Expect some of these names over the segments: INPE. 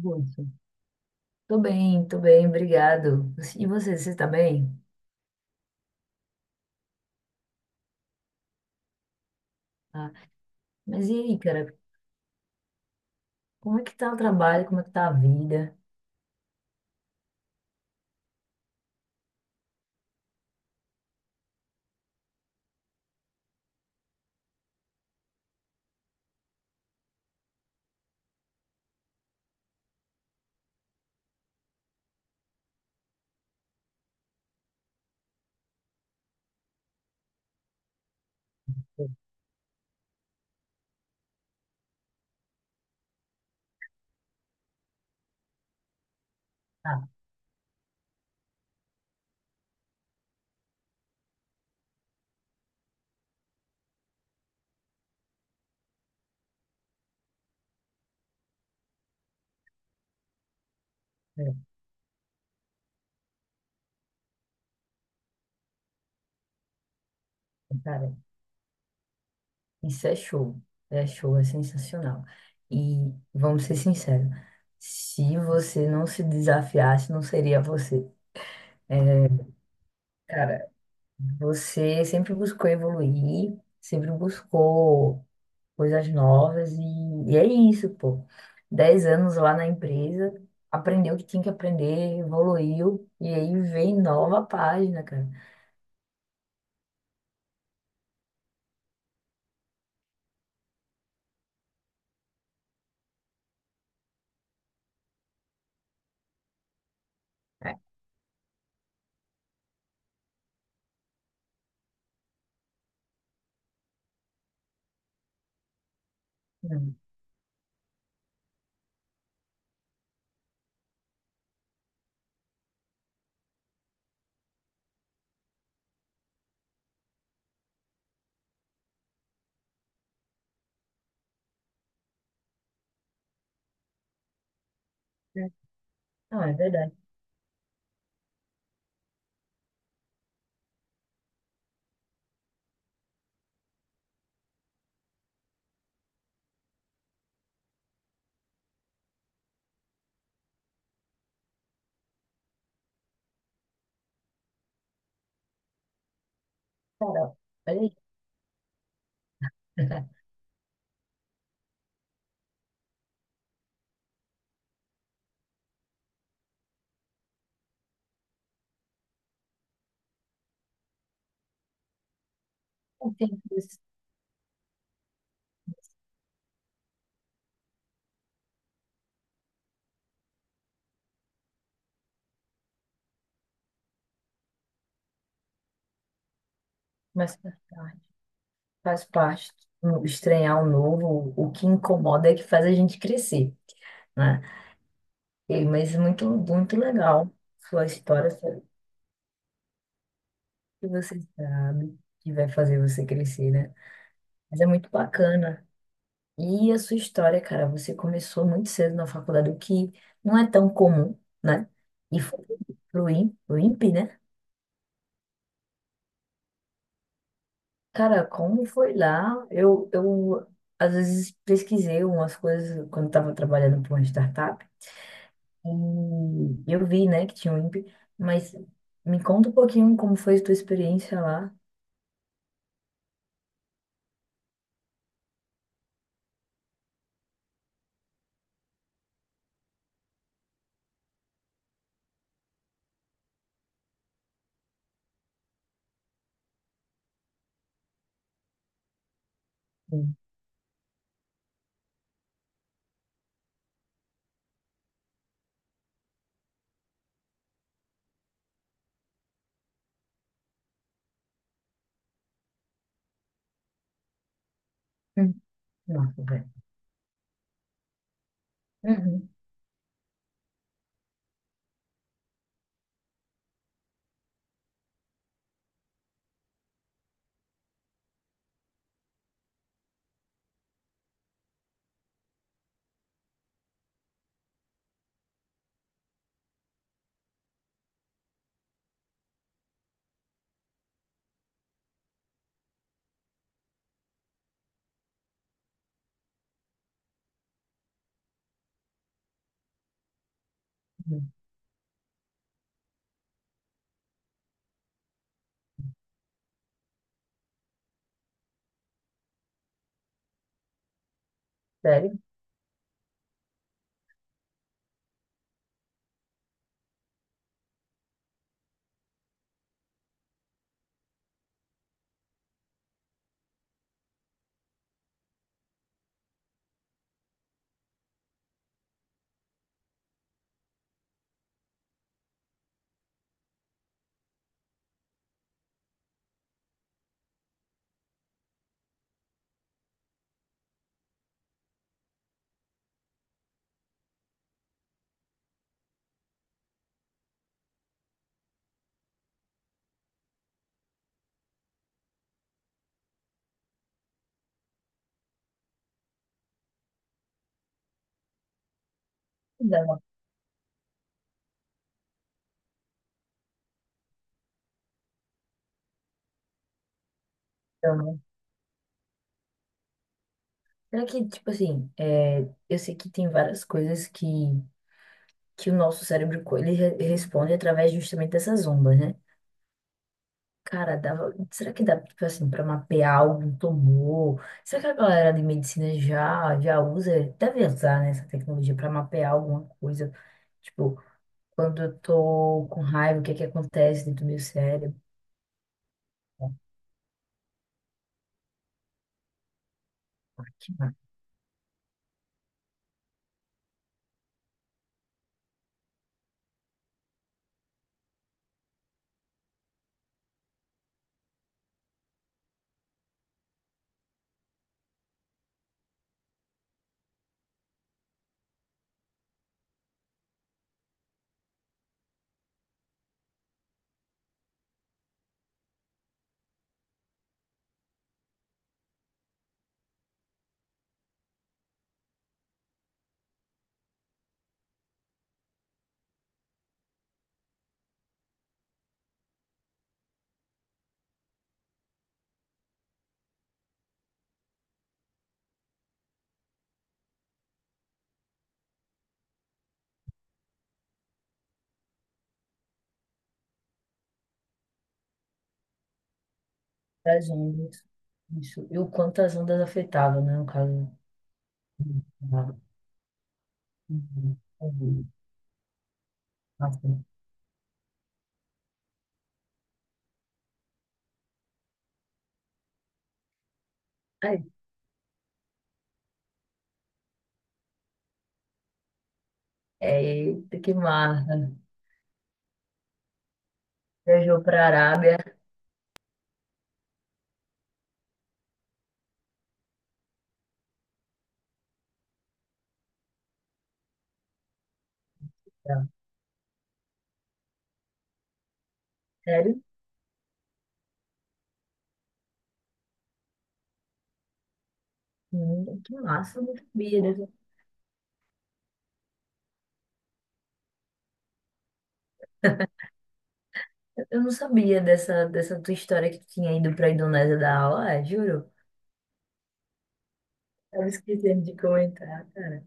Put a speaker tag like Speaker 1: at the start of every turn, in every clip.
Speaker 1: Russo. Tô bem, obrigado. E você, tá bem? Ah, mas e aí, cara, como é que tá o trabalho, como é que tá a vida? Ah, é, cara, isso é show, é show, é sensacional. E vamos ser sinceros, se você não se desafiasse, não seria você. Cara, você sempre buscou evoluir, sempre buscou coisas novas e é isso, pô. 10 anos lá na empresa, aprendeu o que tinha que aprender, evoluiu, e aí vem nova página, cara. É, não, é não, é verdade. Cara, olha aí. Não tem isso, mas faz parte. Faz parte. Estranhar o novo, o que incomoda é que faz a gente crescer, né? Mas muito, muito legal sua história, sabe? Que você sabe que vai fazer você crescer, né? Mas é muito bacana. E a sua história, cara, você começou muito cedo na faculdade, o que não é tão comum, né? E foi pro INPE, né? Cara, como foi lá? Eu às vezes pesquisei umas coisas quando estava trabalhando para uma startup e eu vi, né, que tinha o INPE, mas me conta um pouquinho como foi a tua experiência lá. Hum, hum. Nossa, velho. Uhum, uhum. Sério? Dá uma- dá Será que, tipo assim, é, eu sei que tem várias coisas que o nosso cérebro ele responde através justamente dessas ondas, né? Cara, dava, será que dá, tipo assim, para mapear algum tumor? Será que a galera de medicina já, já usa, deve usar, né, essa tecnologia para mapear alguma coisa? Tipo, quando eu tô com raiva, o que é que acontece dentro do meu cérebro? Que mais? As ondas. Isso. E o quanto as ondas afetavam, né, no caso. Uhum. Uhum. Nossa. Ai, é, eita, que massa. Viajou para a Arábia. Sério? Que massa, eu não sabia Eu não sabia dessa tua história que tu tinha ido pra Indonésia dar aula, é, juro. Tava esquecendo de comentar, cara.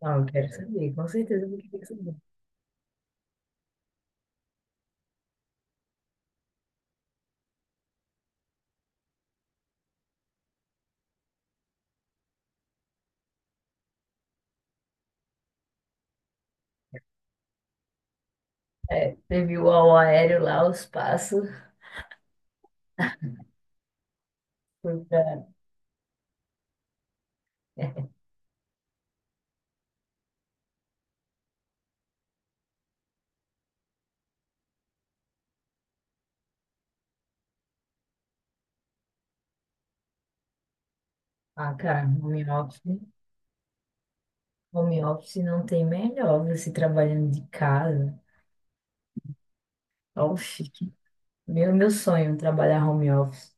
Speaker 1: Não, eu quero saber, com certeza eu quero saber. É, teve o ao aéreo lá, os passos. Foi pra... Ah, cara, home office. Home office não tem melhor, você trabalhando de casa. Oxi, meu sonho, é trabalhar home office.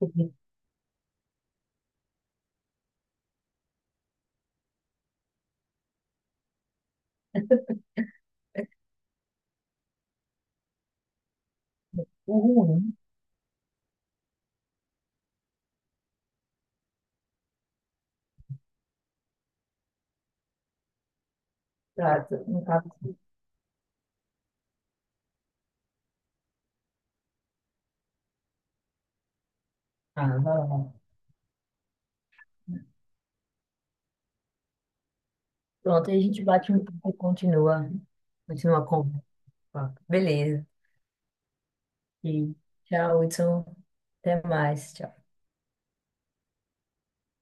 Speaker 1: O ruim, tá? No tá. Ah, vai lá. Pronto, aí a gente bate um papo e continua. Continua a conversa. Beleza. E tchau, Hudson. Até mais.